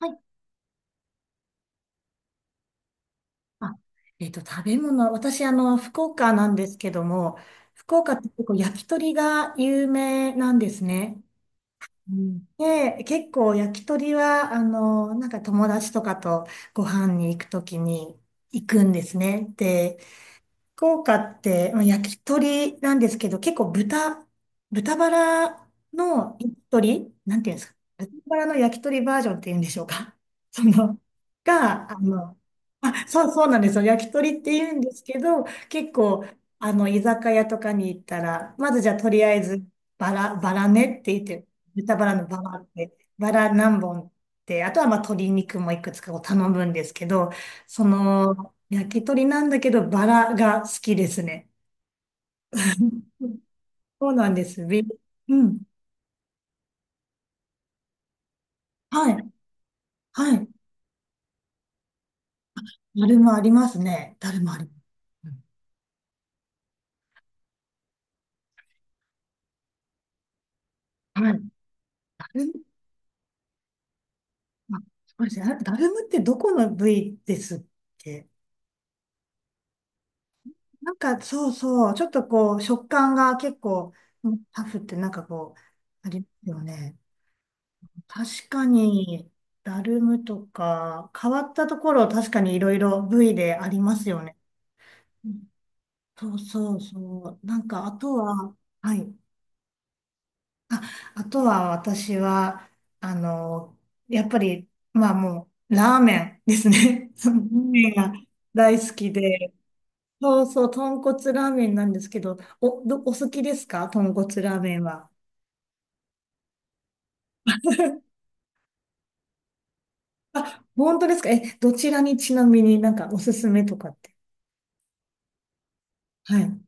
はい。あ、食べ物、私、福岡なんですけども、福岡って結構焼き鳥が有名なんですね。うん。で、結構焼き鳥は、なんか友達とかとご飯に行くときに行くんですね。で、福岡って、まあ焼き鳥なんですけど、結構豚バラの焼き鳥、なんていうんですか、豚バラの焼き鳥バージョンっていうんでしょうか。その、が、あの、あ、そうなんですよ。焼き鳥って言うんですけど、結構、居酒屋とかに行ったら、まずじゃあとりあえず、バラ、バラねって言って、豚バラのバラって、バラ何本って、あとはまあ鶏肉もいくつかを頼むんですけど、その、焼き鳥なんだけど、バラが好きですね。そうなんです。うん。はい。はい。だるまありますね。だるまあります。うん。はい。だるま、あ、そうですね。あ、だるまってどこの部位ですっけ？なんか、そうそう。ちょっとこう、食感が結構、うん、タフってなんかこう、ありますよね。確かに、だるむとか、変わったところ、確かにいろいろ部位でありますよね。そうそうそう。なんか、あとは、はい。あ、あとは私は、あの、やっぱり、まあもう、ラーメンですね。そのラーメンが大好きで。そうそう、豚骨ラーメンなんですけど、お好きですか、豚骨ラーメンは？あ、本当ですか？え、どちらに、ちなみに、なんかおすすめとかって。はい。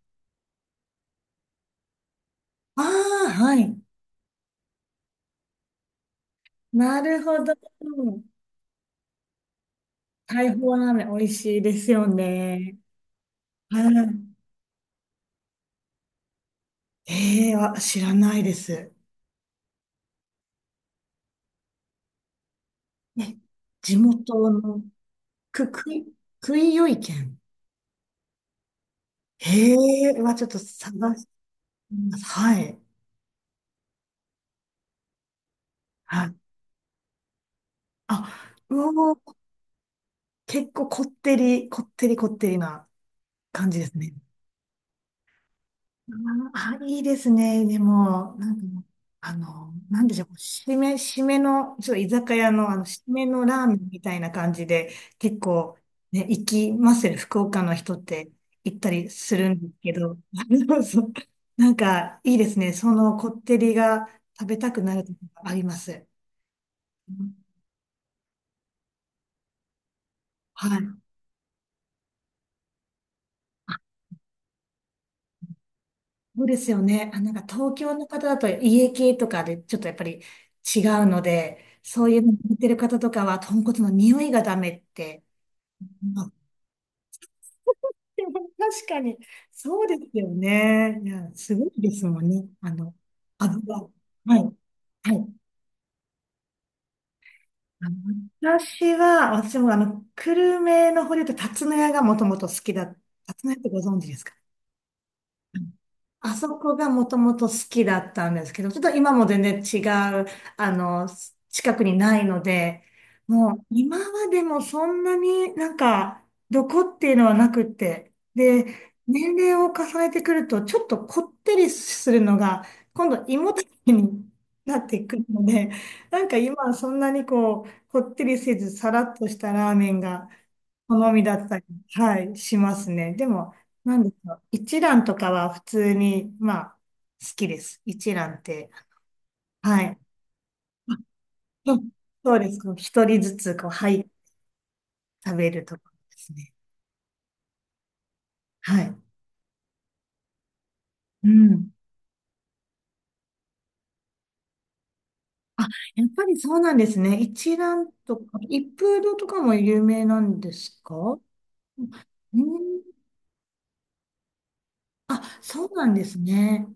ああ、はい。なるほど。大砲ラーメン美味しいですよね。はい。ええ、あ、知らないです。ね、地元の、く、くい、くいよい県。ええ、ちょっと探してみます。はい。はい。あ、うおー、結構こってり、こってりこってりな感じですね。あ、いいですね。でも、なんか、なんでしょう、締めの、ちょっと居酒屋の、締めのラーメンみたいな感じで、結構、ね、行きますよね、福岡の人って行ったりするんですけど、そう、なんか、いいですね。そのこってりが食べたくなるときがあります。はい。そうですよね。あ、なんか東京の方だと家系とかでちょっとやっぱり違うので、そういうの見てる方とかは豚骨の匂いがダメって。あ、でも確かに、そうですよね。いや、すごいですもんね。油。はい。はい。あの私は、私も久留米の方で言うと、竜田屋がもともと好きだ。竜田屋ってご存知ですか？あそこがもともと好きだったんですけど、ちょっと今も全然違う、あの、近くにないので、もう今までもそんなになんか、どこっていうのはなくって、で、年齢を重ねてくると、ちょっとこってりするのが、今度胃もたれになってくるので、なんか今はそんなにこう、こってりせず、さらっとしたラーメンが好みだったり、はい、しますね。でも、なんでしょう。一蘭とかは普通に、まあ、好きです。一蘭って。はい。うん。そうです。こう一人ずつ、こう、はい、食べるとかですね。はい。うん。あ、やっぱりそうなんですね。一蘭とか、一風堂とかも有名なんですか？うん。あ、そうなんですね。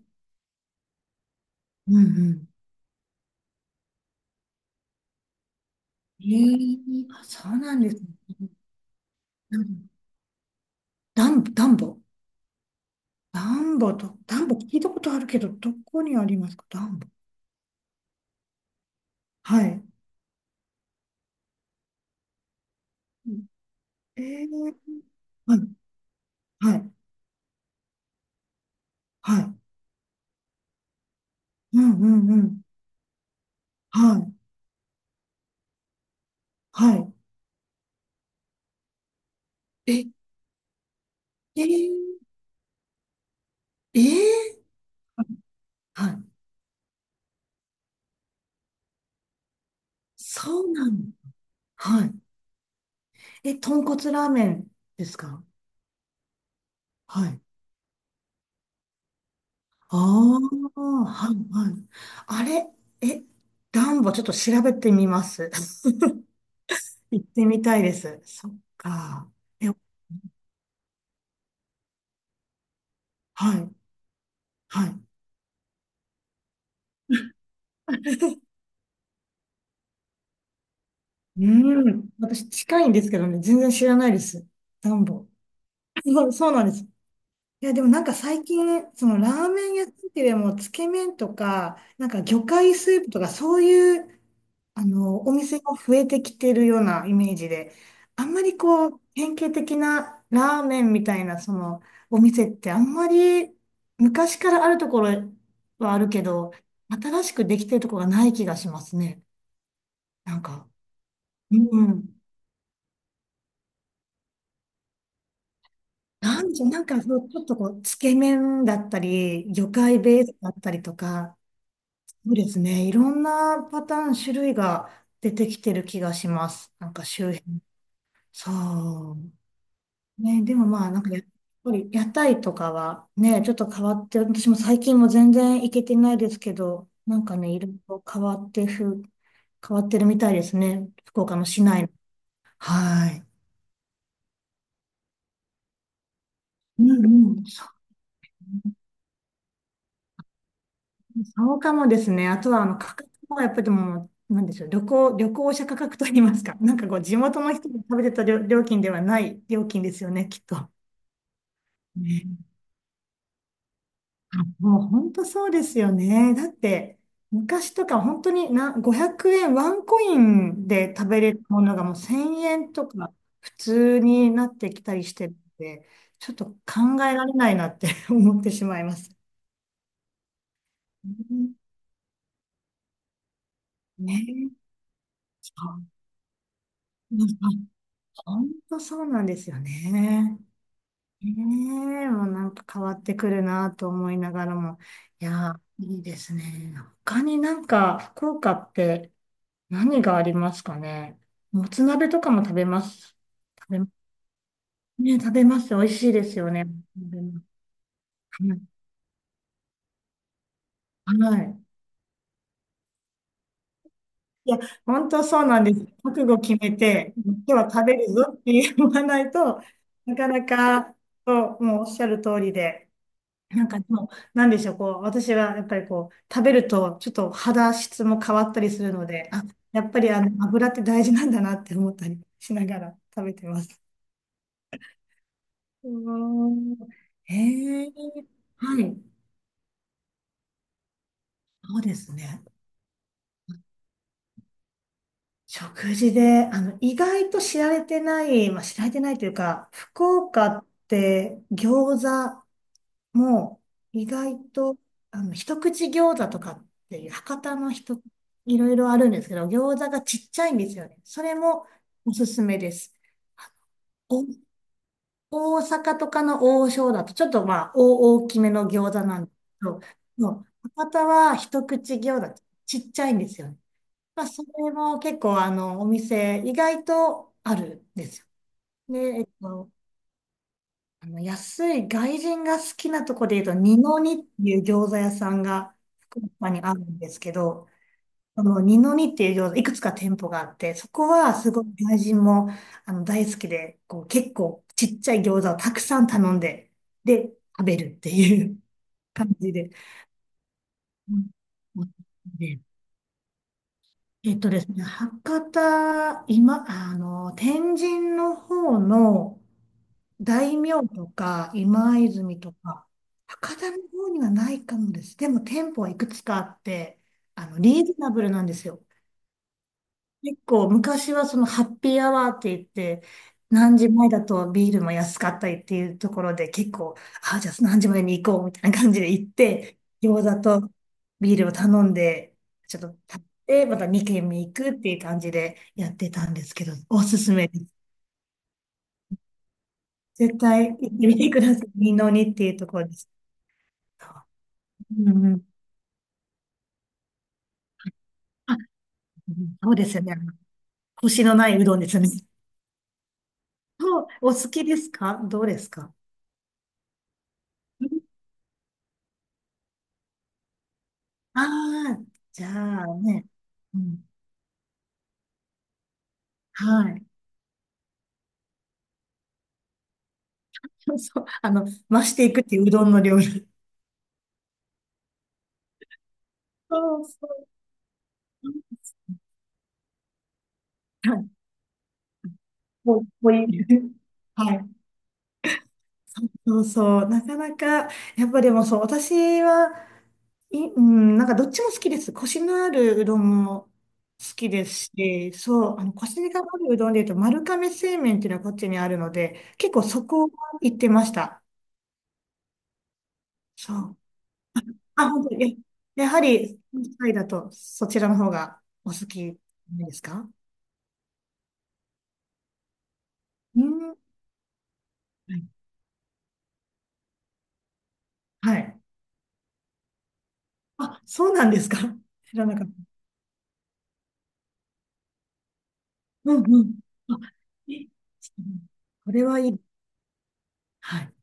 うんうん。ええ、あ、そうなんですね。うん。ダンボ。ダンボと、ダンボ聞いたことあるけど、どこにありますか、ダンボ。はい。えー、はい、はい、はい。うんうんうん。はい、はい。え、えー、えー、はい。そうなの。はい。え、豚骨ラーメンですか？はい。ああ、はい、はい。あれ、え、ダンボちょっと調べてみます。行ってみたいです。そっか。え、はい、はい。うん。私近いんですけどね、全然知らないです。暖房。そうそうなんです。いや、でもなんか最近、そのラーメン屋さんっていうよりも、つけ麺とか、なんか魚介スープとか、そういう、お店も増えてきてるようなイメージで、あんまりこう、典型的なラーメンみたいな、お店ってあんまり、昔からあるところはあるけど、新しくできてるところがない気がしますね。なんか。うん。なんでしょう、なんかそう、ちょっとこう、つけ麺だったり、魚介ベースだったりとか、そうですね、いろんなパターン、種類が出てきてる気がします。なんか周辺。そう。ね、でもまあ、なんかやっぱり屋台とかはね、ちょっと変わって、私も最近も全然行けてないですけど、なんかね、いろいろ変わってるみたいですね。福岡の市内の。はい。うんうん。そうかもですね。あとは、価格もやっぱりでも、なんでしょう、旅行者価格といいますか、なんかこう、地元の人が食べてた料料金ではない料金ですよね、きっと。ね、あ、もう本当そうですよね。だって、昔とか本当にな、500円、ワンコインで食べれるものがもう1000円とか普通になってきたりしてるんで、ちょっと考えられないなって 思ってしまいます。うん。ね、そう、本当そうなんですよね。ねえ、もうなんか変わってくるなと思いながらも。いやー、いいですね。他になんか福岡って何がありますかね。もつ鍋とかも食べます。食べ、ね、食べます。美味しいですよね。食べます。はい。はいいや、本当そうなんです。覚悟決めて、今日は食べるぞって言わないとなかなか、そう、もうおっしゃる通りで。なんかでも、なんでしょう、こう、私はやっぱりこう、食べるとちょっと肌質も変わったりするので、あ、やっぱり油って大事なんだなって思ったりしながら 食べてます。うーん。へえ、はい。そうですね。食事で、意外と知られてない、まあ、知られてないというか、福岡って餃子もう意外と、一口餃子とかっていう博多の人、いろいろあるんですけど、餃子がちっちゃいんですよね。それもおすすめです。お、大阪とかの王将だと、ちょっとまあ、大大きめの餃子なんですけど、もう博多は一口餃子ちっちゃいんですよね。まあ、それも結構、お店、意外とあるんですよ。で、安い外人が好きなとこで言うと、二の二っていう餃子屋さんが福岡にあるんですけど、その二の二っていう餃子、いくつか店舗があって、そこはすごい外人も大好きで、こう結構ちっちゃい餃子をたくさん頼んで、で、食べるっていう 感じで。うん。で、えっとですね、博多、今、天神の方の、大名とか、今泉とか、高田の方にはないかもです。でも店舗はいくつかあって、リーズナブルなんですよ。結構昔はそのハッピーアワーって言って、何時前だとビールも安かったりっていうところで結構、あ、じゃあ何時までに行こうみたいな感じで行って、餃子とビールを頼んで、ちょっと食べて、また2軒目行くっていう感じでやってたんですけど、おすすめです。絶対行ってみてください。二の二っていうところです。うんうん。あ、そうですよね。コシのないうどんですね。そう、お好きですかどうですか？ああー、じゃあね。うん、はい。そうそう、増していくっていううどんの料理。そうそう。はい。もういい。はい。そうそう。なかなか、やっぱでもそう、私は、うん、なんかどっちも好きです。コシのあるうどんも好きですし、そう、コシがあるうどんで言うと、丸亀製麺っていうのはこっちにあるので、結構そこは行ってました。そう。あ、本当に。やはり、関イだとそちらの方がお好きなんですか？うん。はい。はい。あ、そうなんですか？ 知らなかった。うんうん。あ、えこれはいい。はい。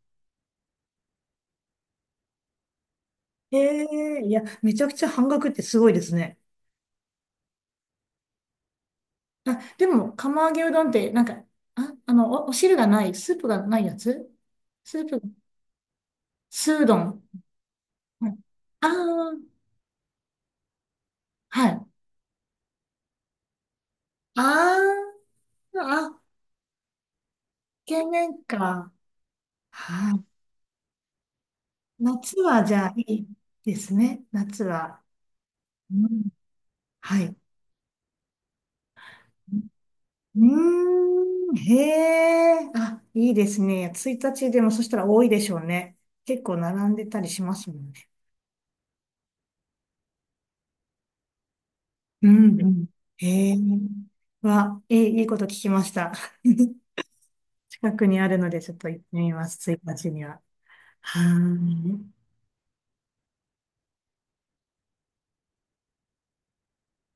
ええ、いや、めちゃくちゃ半額ってすごいですね。あ、でも、釜揚げうどんって、なんか、あ、お汁がない、スープがないやつ、スープ、スードン。はい。ああ、はい。ああ、あ、懸念か。はい。夏はじゃあいいですね。夏は。うん、はい。うーん、へえ、あ、いいですね。1日でもそしたら多いでしょうね。結構並んでたりしますもんね。うん、うん。へえ、いいこと聞きました。近くにあるので、ちょっと行ってみます、1日には。はーい。